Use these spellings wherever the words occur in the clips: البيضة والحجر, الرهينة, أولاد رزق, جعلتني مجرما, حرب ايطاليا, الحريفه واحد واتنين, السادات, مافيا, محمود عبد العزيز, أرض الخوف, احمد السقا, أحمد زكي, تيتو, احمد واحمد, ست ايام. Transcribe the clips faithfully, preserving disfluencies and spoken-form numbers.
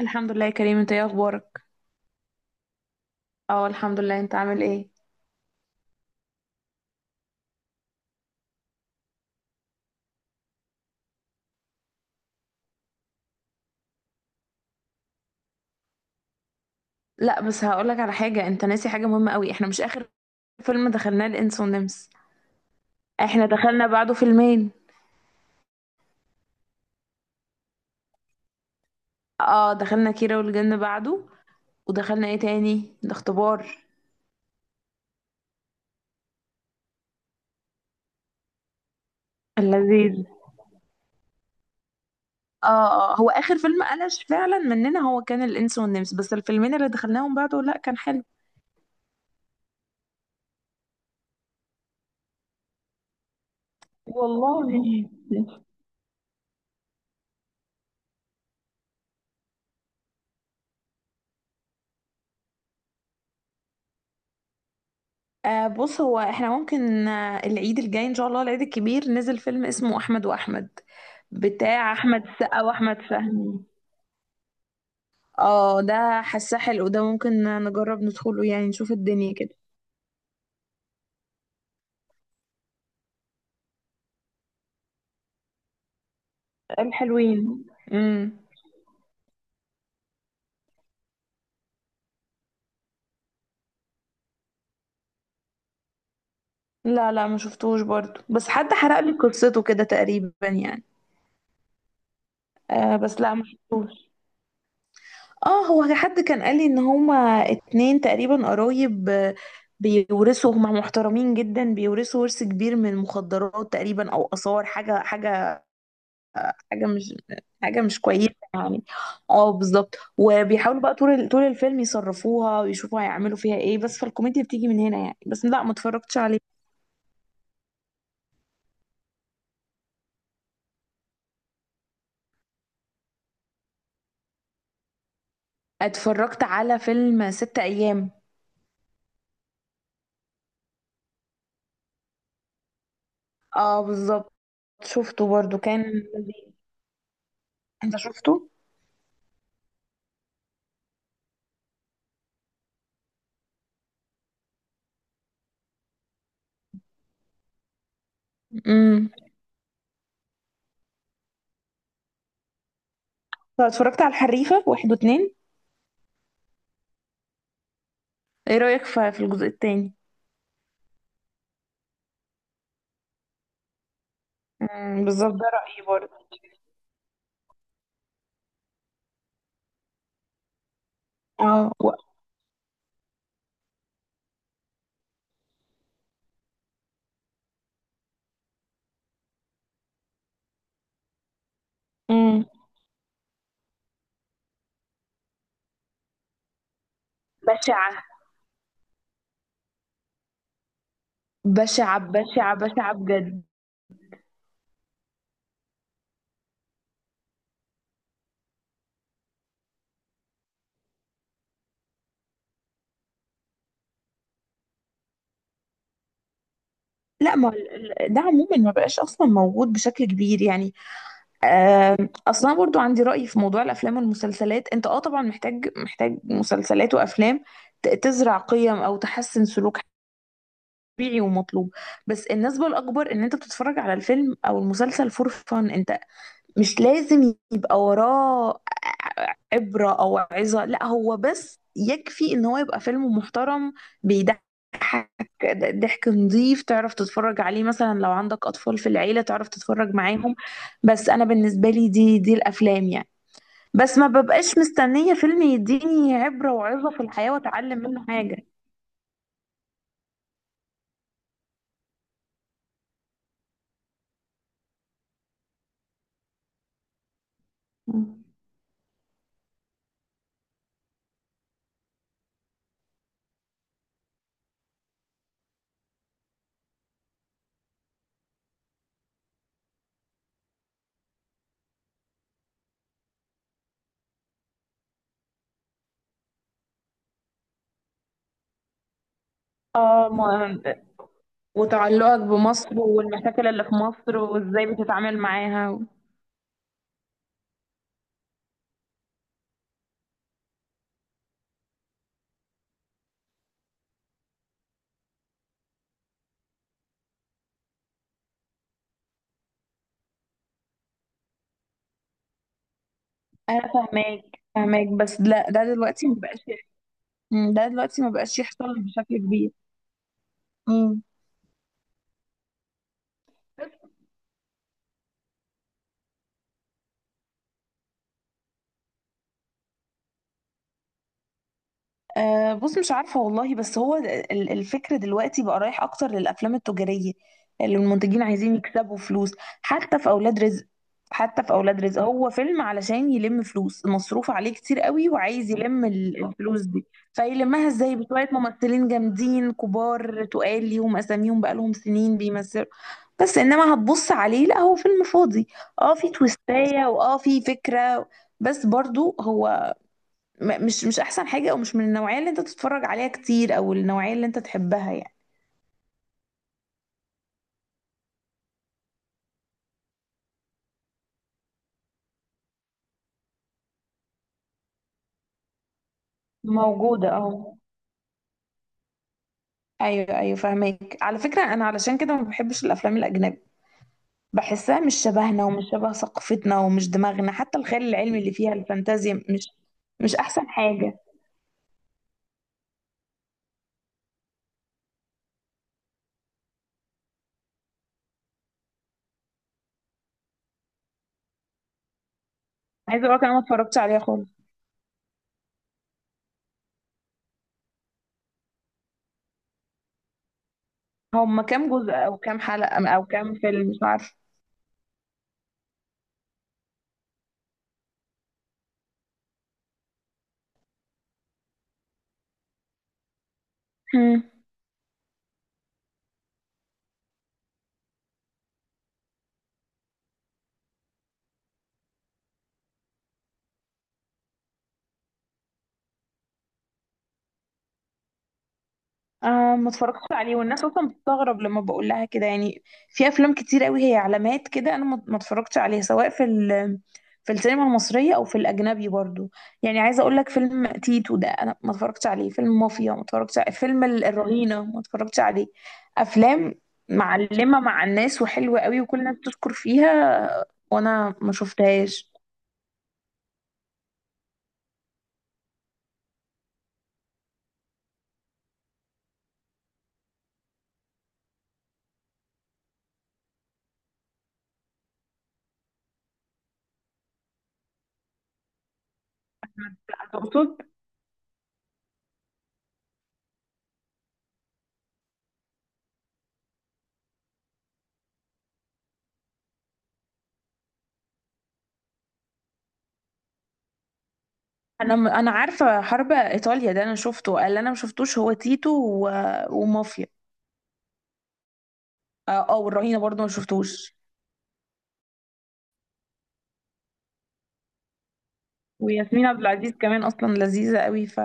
الحمد لله يا كريم، انت ايه اخبارك؟ اه، الحمد لله. انت عامل ايه؟ لا، بس هقولك على حاجه. انت ناسي حاجه مهمه قوي. احنا مش اخر فيلم دخلناه الانس والنمس، احنا دخلنا بعده فيلمين. اه، دخلنا كيرة والجن بعده، ودخلنا ايه تاني، الاختبار اللذيذ. اه اه، هو اخر فيلم قلش فعلا مننا هو كان الانس والنمس، بس الفيلمين اللي دخلناهم بعده لا، كان حلو. والله، آه، بص، هو احنا ممكن آه العيد الجاي ان شاء الله العيد الكبير نزل فيلم اسمه احمد واحمد، بتاع احمد السقا واحمد فهمي. اه، ده حاساه حلو، ده ممكن نجرب ندخله يعني، نشوف الدنيا كده. الحلوين. امم. لا لا، ما شفتوش برضو، بس حد حرق لي قصته كده تقريبا يعني. آه، بس لا، ما شفتوش. اه، هو حد كان قال لي ان هما اتنين تقريبا قرايب آه، بيورثوا، هما محترمين جدا، بيورثوا ورث كبير من المخدرات تقريبا او اثار، حاجه، حاجه، حاجه مش حاجه مش كويسه يعني. اه بالظبط، وبيحاولوا بقى طول ال- طول الفيلم يصرفوها ويشوفوا هيعملوا فيها ايه، بس فالكوميديا بتيجي من هنا يعني، بس لا، ما اتفرجتش عليه. اتفرجت على فيلم ست ايام. اه بالظبط. شفته برضو، كان لذيذ. انت شفته؟ امم. اتفرجت على الحريفه واحد واتنين. ايه رأيك في في الجزء التاني؟ امم، بالظبط، ده رأيي برضه. اه و... امم. بشعة بشعة بشعة بشعة بجد. لا، ما ال- ال- ده عموما ما بقاش اصلا موجود بشكل كبير يعني. آم، اصلا برضو عندي رأي في موضوع الافلام والمسلسلات. انت اه طبعا محتاج محتاج مسلسلات وافلام ت- تزرع قيم او تحسن سلوك، طبيعي ومطلوب. بس النسبة الاكبر ان انت بتتفرج على الفيلم او المسلسل فور فان، انت مش لازم يبقى وراه عبرة أو عظة، لا، هو بس يكفي إن هو يبقى فيلم محترم، بيضحك ضحك نظيف، تعرف تتفرج عليه، مثلا لو عندك أطفال في العيلة، تعرف تتفرج معاهم. بس أنا بالنسبة لي دي دي الأفلام يعني. بس ما ببقاش مستنية فيلم يديني عبرة وعظة في الحياة وأتعلم منه حاجة. اه ما وتعلقك بمصر والمشاكل اللي في مصر وازاي بتتعامل معاها. انا فاهماك فاهماك، بس لا، ده دلوقتي ما بقاش. مم، ده دلوقتي ما بقاش يحصل بشكل كبير. امم. أه، بص، مش عارفة والله، بس هو ال- الفكر دلوقتي بقى رايح أكتر للأفلام التجارية، اللي المنتجين عايزين يكسبوا فلوس. حتى في أولاد رزق حتى في أولاد رزق هو فيلم علشان يلم فلوس، مصروف عليه كتير قوي وعايز يلم ال- الفلوس دي. فيلمها ازاي بشوية ممثلين جامدين كبار، تقال ليهم أساميهم بقالهم سنين بيمثلوا، بس إنما هتبص عليه، لا هو فيلم فاضي. اه، في تويستاية، واه في فكرة، بس برضو هو م- مش مش احسن حاجة، او مش من النوعية اللي انت تتفرج عليها كتير، او النوعية اللي انت تحبها يعني. موجودة اه. ايوه ايوه، فاهمك. على فكرة انا علشان كده ما بحبش الافلام الاجنبي، بحسها مش شبهنا ومش شبه ثقافتنا ومش دماغنا، حتى الخيال العلمي اللي فيها الفانتازيا مش مش احسن حاجة. عايزة اقول لك، انا ما اتفرجتش عليها خالص. هم كام جزء او كام حلقة او كام فيلم، مش عارفة. آه، ما اتفرجتش عليه، والناس اصلا بتستغرب لما بقول لها كده يعني. في افلام كتير قوي هي علامات كده، انا ما ما اتفرجتش عليها، سواء في ال في السينما المصريه او في الاجنبي برضو. يعني عايزه اقول لك، فيلم تيتو ده انا ما اتفرجتش عليه، فيلم مافيا ما اتفرجتش عليه، فيلم ال- الرهينه ما اتفرجتش عليه. افلام معلمه مع الناس وحلوه قوي، وكل الناس بتشكر فيها، وانا ما شفتهاش. تقصد؟ انا م- انا عارفه حرب ايطاليا، ده انا شفته، اللي انا ما شفتوش هو تيتو و- ومافيا. اه، آه، والرهينة برضو ما شفتوش. وياسمين عبد العزيز كمان اصلا لذيذة قوي ف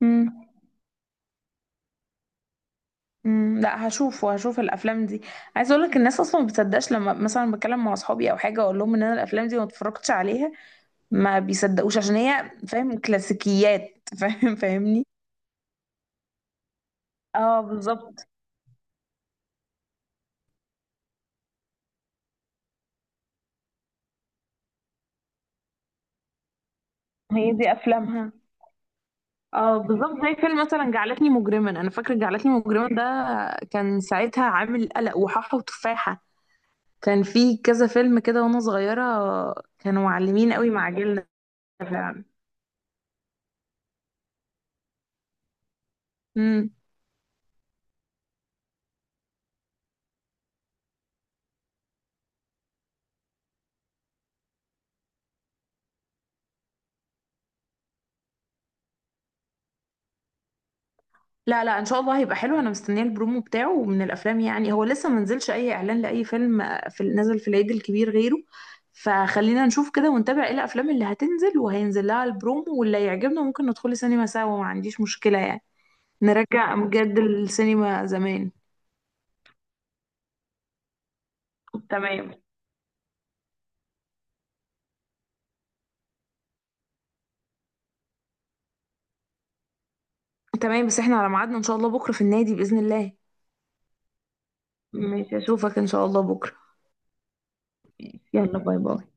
مم. مم. لا، هشوفه هشوف الافلام دي. عايزه اقول لك، الناس اصلا ما بتصدقش، لما مثلا بتكلم مع اصحابي او حاجه، اقول لهم ان انا الافلام دي ما اتفرجتش عليها، ما بيصدقوش، عشان هي فاهم كلاسيكيات فاهم فاهمني. اه بالظبط، هي دي افلامها. اه بالظبط، زي فيلم مثلا جعلتني مجرما، انا فاكره جعلتني مجرما ده كان ساعتها عامل قلق وحاحه وتفاحه، كان في كذا فيلم كده وانا صغيرة، كانوا معلمين قوي مع جيلنا. فعلا. امم. لا لا، ان شاء الله هيبقى حلو، انا مستنية البرومو بتاعه ومن الافلام. يعني هو لسه منزلش اي اعلان لاي فيلم في، نزل في العيد الكبير غيره، فخلينا نشوف كده ونتابع ايه الافلام اللي هتنزل وهينزل لها البرومو، واللي يعجبنا ممكن ندخل سينما سوا، ما عنديش مشكلة يعني، نرجع بجد السينما زمان. تمام. تمام، بس احنا على ميعادنا ان شاء الله بكرة في النادي بإذن الله. ماشي يا شيخ. اشوفك ان شاء الله بكرة. يلا، باي باي.